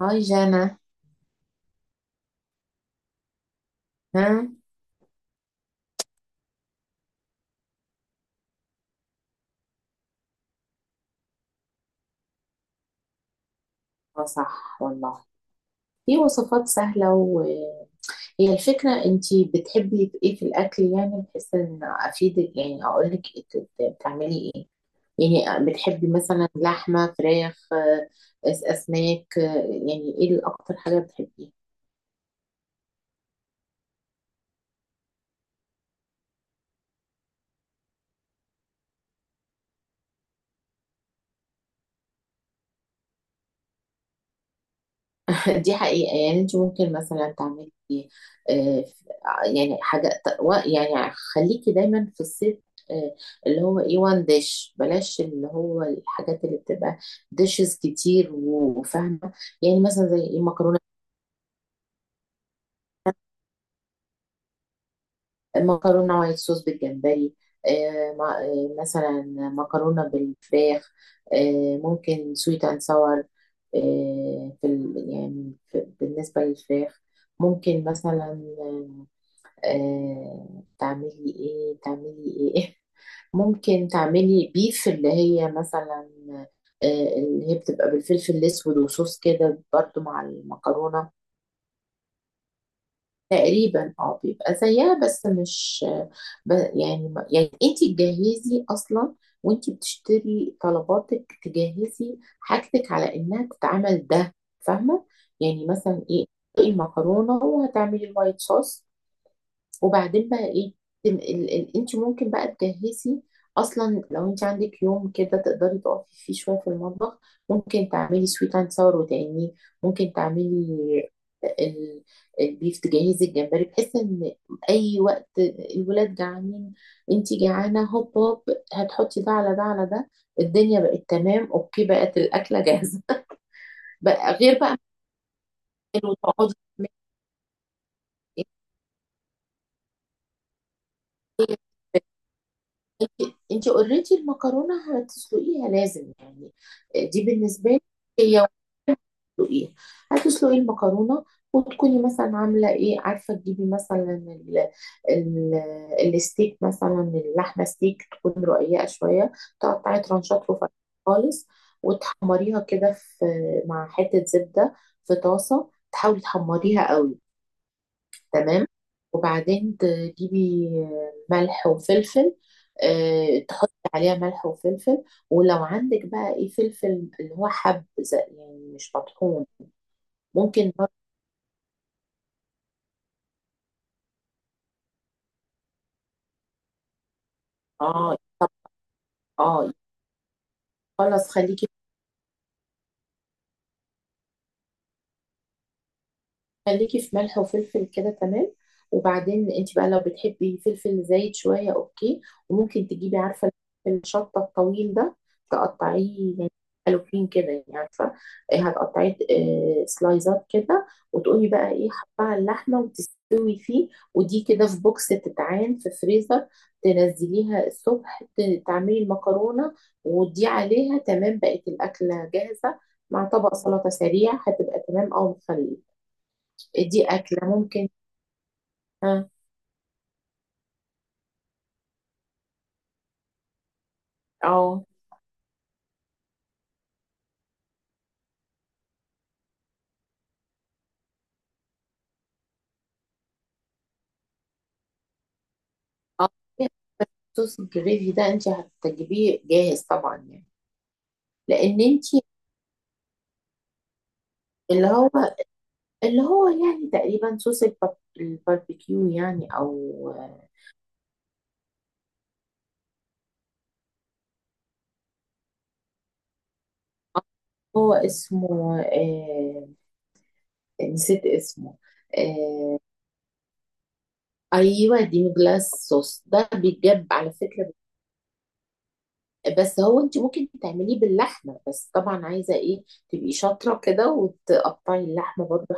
هاي جانا. ها. آه، صح والله. في وصفات سهلة، وهي الفكرة، انتي بتحبي ايه في الاكل يعني بحيث ان افيدك يعني اقول لك بتعملي ايه؟ يعني بتحبي مثلا لحمة فراخ، اسماك، آه، يعني ايه الاكتر حاجة بتحبيها؟ دي حقيقة يعني انت ممكن مثلا تعملي، آه، يعني يعني خليكي دايما في الصيف، آه، اللي هو ايه وان ديش، بلاش اللي هو الحاجات اللي بتبقى ديشز كتير وفاهمة. يعني مثلا زي ايه، مكرونة، مكرونة وايت صوص بالجمبري، مثلا مكرونة بالفراخ، آه، ممكن سويت اند ساور. يعني في بالنسبة للفراخ ممكن مثلا، آه، تعملي ايه تعملي ايه. ممكن تعملي بيف اللي هي مثلا، آه، اللي هي بتبقى بالفلفل الاسود وصوص كده برضو مع المكرونه. تقريبا اه بيبقى زيها بس مش، يعني انت تجهزي اصلا وانت بتشتري طلباتك، تجهزي حاجتك على انها تتعمل ده. فاهمه؟ يعني مثلا ايه، المكرونه وهتعملي الوايت صوص، وبعدين بقى ايه، انت ممكن بقى تجهزي اصلا. لو انت عندك يوم كده تقدري تقفي فيه شويه في المطبخ، ممكن تعملي سويت اند ساور، وتاني ممكن تعملي ال- البيف، تجهزي الجمبري، بحيث ان اي وقت الولاد جعانين، انت جعانه، هوب هوب، هتحطي ده على ده على ده، الدنيا بقت تمام. اوكي، بقت الاكله جاهزه. بقى غير بقى وتقعدي. انت، انت اوريدي المكرونه هتسلقيها لازم، يعني آه، دي بالنسبه لي هي. وتسلقيها، هتسلقي المكرونه، وتكوني مثلا عامله ايه، عارفه تجيبي مثلا ال ال الستيك، مثلا اللحمه ستيك تكون رقيقه شويه، تقطعي ترانشات رفيعه خالص، وتحمريها كده في، مع حته زبده، في طاسه، تحاولي تحمريها قوي. تمام. وبعدين تجيبي ملح وفلفل، آه، تحطي عليها ملح وفلفل. ولو عندك بقى ايه فلفل اللي هو حب، يعني مش مطحون، ممكن برضه- اه اه، خلاص خليكي، خليكي في ملح وفلفل كده، تمام. وبعدين انت بقى لو بتحبي فلفل زايد شويه اوكي، وممكن تجيبي، عارفه، الشطه الطويل ده تقطعيه، يعني حلوين كده، يعني عارفه إيه، هتقطعيه آه، سلايزات كده. وتقومي بقى ايه، حطها على اللحمه وتستوي فيه، ودي كده في بوكس تتعان في فريزر. تنزليها الصبح، تعملي المكرونه، ودي عليها، تمام، بقت الاكله جاهزه مع طبق سلطه سريع، هتبقى تمام، او مخليه. دي أكلة ممكن. اه اه. آه. صوص الجريفي ده انت هتجيبيه جاهز طبعا، يعني لان انت، اللي هو، اللي هو يعني تقريبا صوص الباربيكيو، يعني او آه، هو اسمه آه، نسيت اسمه. آه ايوه، ديمي جلاس صوص ده بيتجاب على فكره. بس هو انت ممكن تعمليه باللحمه، بس طبعا عايزه ايه، تبقي شاطره كده وتقطعي اللحمه برضه.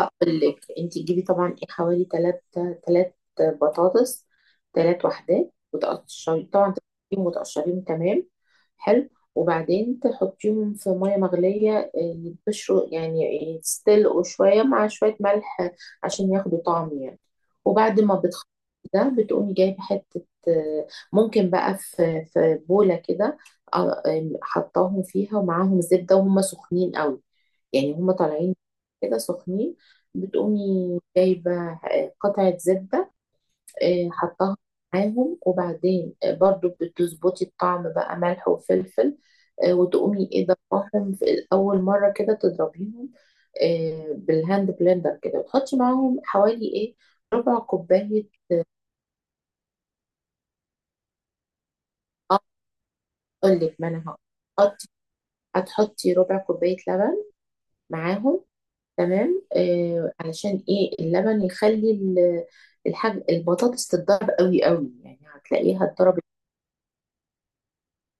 هقول لك، انت تجيبي طبعا ايه حوالي تلات، تلات بطاطس، تلات وحدات، وتقشري طبعا، تقشريهم تمام، حلو. وبعدين تحطيهم في ميه مغليه، آه، يتبشروا يعني، يتسلقوا شويه مع شويه ملح عشان ياخدوا طعم، يعني. وبعد ما بتخلصي ده، بتقومي جايبه حته، آه، ممكن بقى في بوله كده، حطاهم فيها ومعاهم زبده وهم سخنين قوي، يعني هما طالعين كده سخنين. بتقومي جايبة آه، قطعة زبدة، آه، حطها معاهم. وبعدين آه، برضو بتظبطي الطعم بقى، ملح وفلفل، آه، وتقومي ايه ضربهم في، أول مرة كده تضربيهم، آه، بالهاند بلندر كده، وتحطي معاهم حوالي ايه، ربع كوباية. اه أقول لك، ما أنا هقول. هتحطي، هتحطي ربع كوباية لبن معاهم، تمام آه، علشان ايه اللبن يخلي الحاج البطاطس تتضرب قوي قوي، يعني هتلاقيها اتضربت.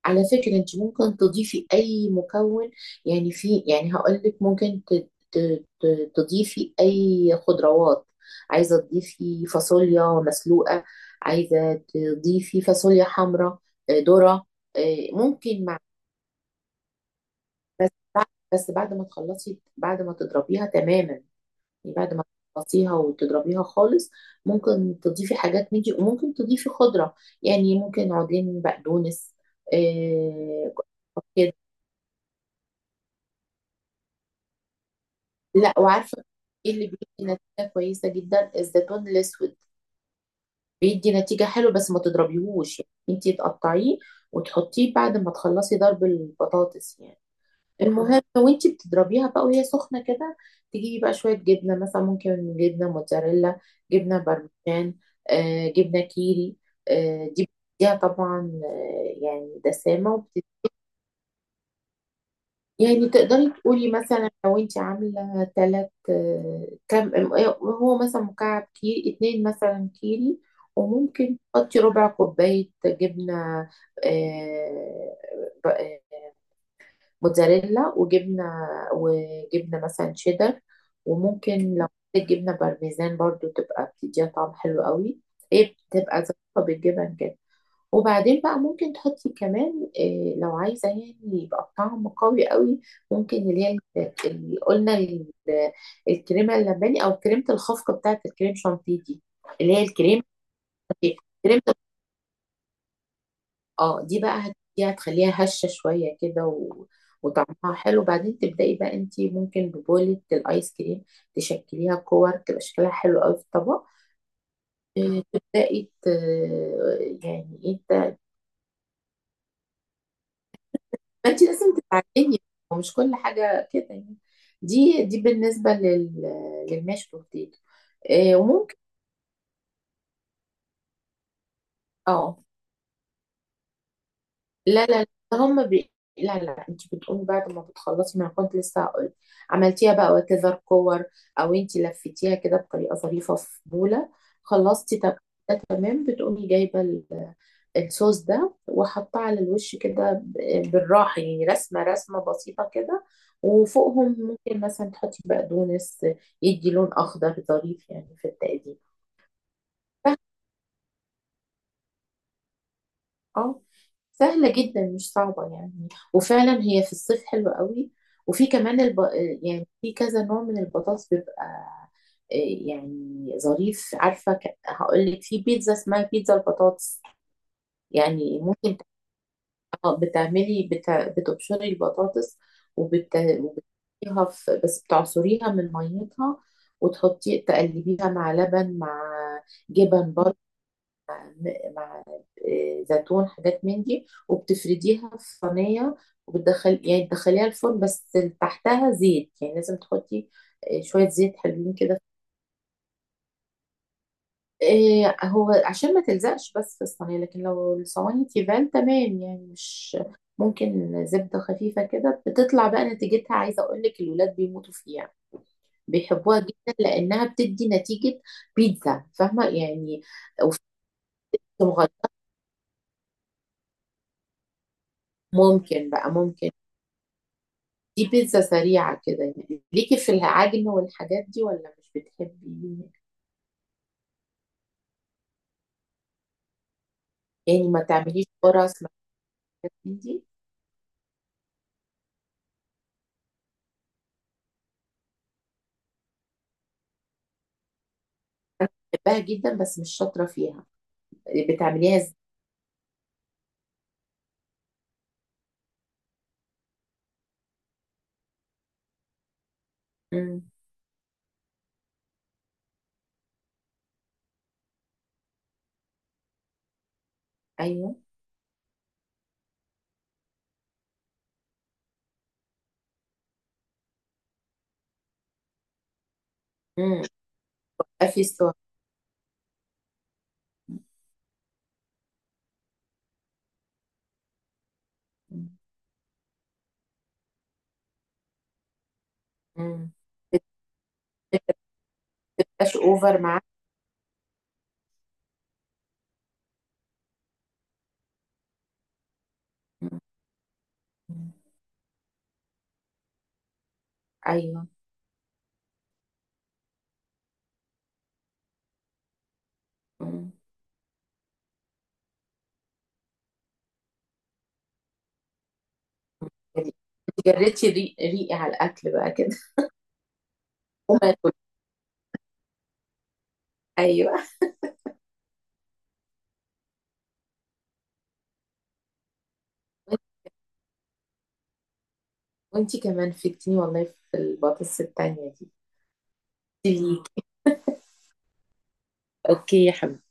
على فكرة انت ممكن تضيفي اي مكون، يعني في يعني هقول لك ممكن تضيفي اي خضروات، عايزة تضيفي فاصوليا مسلوقة، عايزة تضيفي فاصوليا حمراء، آه، ذرة، آه، ممكن مع، بس بعد بس بعد ما تخلصي، بعد ما تضربيها تماما، بعد ما تخلصيها وتضربيها خالص، ممكن تضيفي حاجات من دي، وممكن تضيفي خضرة، يعني ممكن عودين بقدونس، آه كده. لا وعارفة ايه اللي بيدي نتيجة كويسة جدا، الزيتون الأسود بيدي نتيجة حلوة، بس ما تضربيهوش، يعني انتي تقطعيه وتحطيه بعد ما تخلصي ضرب البطاطس، يعني. المهم، وانتي بتضربيها بقى وهي سخنة كده، تجيبي بقى شوية جبنة، مثلا ممكن جبنة موتزاريلا، جبنة بارميجان، آه جبنة كيري، آه دي بتديها طبعا آه يعني دسامة وبت... يعني تقدري تقولي، مثلا لو انتي عاملة تلات آه كم، آه، هو مثلا مكعب كيري، اتنين مثلا كيري، وممكن تحطي ربع كوباية جبنة آه موتزاريلا، وجبنة مثلا شيدر. وممكن لو حطيت جبنة بارميزان برضو تبقى بتديها طعم حلو قوي، هي بتبقى ظابطة بالجبن كده. وبعدين بقى ممكن تحطي كمان إيه لو عايزة يعني يبقى الطعم قوي قوي، ممكن اللي هي، ال- اللي قلنا ال- الكريمة اللباني، أو كريمة الخفق بتاعة الكريم شانتيه دي، اللي هي الكريمة، كريمه. اه دي بقى دي هتخليها هشة شوية كده و... وطعمها حلو. بعدين تبدأي بقى انتي ممكن ببولة الايس كريم تشكليها كور، تبقى شكلها حلو قوي في الطبق، آه، تبدأي ت... يعني ايه ت- ما انتي لازم تتعلمي، ومش كل حاجة كده، يعني. دي دي بالنسبة لل... للماش بوتيتو، آه، وممكن، اه لا لا لا، هم بي... لا لا، انت بتقومي بعد ما بتخلصي، ما أنا كنت لسه هقول، عملتيها بقى وكذا كور، او انت لفتيها كده بطريقه ظريفه في بوله، خلصتي ده تمام، بتقومي جايبه الصوص ده، وحطاه على الوش كده بالراحه، يعني رسمه رسمه بسيطه كده، وفوقهم ممكن مثلا تحطي بقدونس، يدي لون اخضر ظريف يعني في التقديم. اه سهلة جدا، مش صعبة يعني، وفعلا هي في الصيف حلوة قوي. وفي كمان الب... يعني في كذا نوع من البطاطس بيبقى، آه، يعني ظريف، عارفة ك... هقول لك في بيتزا اسمها بيتزا البطاطس، يعني ممكن بتعملي بت... بتبشري البطاطس، وبت... وبتحطيها في... بس بتعصريها من ميتها، وتحطي تقلبيها مع لبن، مع جبن، مع آه، زيتون، حاجات من دي، وبتفرديها في صينية، وبتدخل يعني تدخليها الفرن، بس تحتها زيت، يعني لازم تحطي آه، شوية زيت حلوين كده. إيه، هو عشان ما تلزقش بس في الصينية، لكن لو الصواني تيفال تمام، يعني مش، ممكن زبدة خفيفة كده، بتطلع بقى نتيجتها، عايزة أقول لك الولاد بيموتوا فيها، بيحبوها جدا، لأنها بتدي نتيجة بيتزا، فاهمة يعني. وفي مغ- ممكن بقى ممكن، دي بيتزا سريعة كده، يعني ليكي في العجن والحاجات دي، ولا مش بتحبي؟ يعني ما تعمليش قرص ما الحاجات من دي. أنا بحبها جدا بس مش شاطرة فيها، بتعمليها ازاي؟ مم. أيوه. مم. بيبقى في سوا. مم. مم. بت- بتبقاش أوفر معاك؟ مم. مم. أيوه. مم. يعني جريتي ريقي على الأكل بقى كده. وما أكل. أيوه، وانتي كمان فدتيني والله في البطاطس التانية دي. ليك. أوكي يا حبيبتي.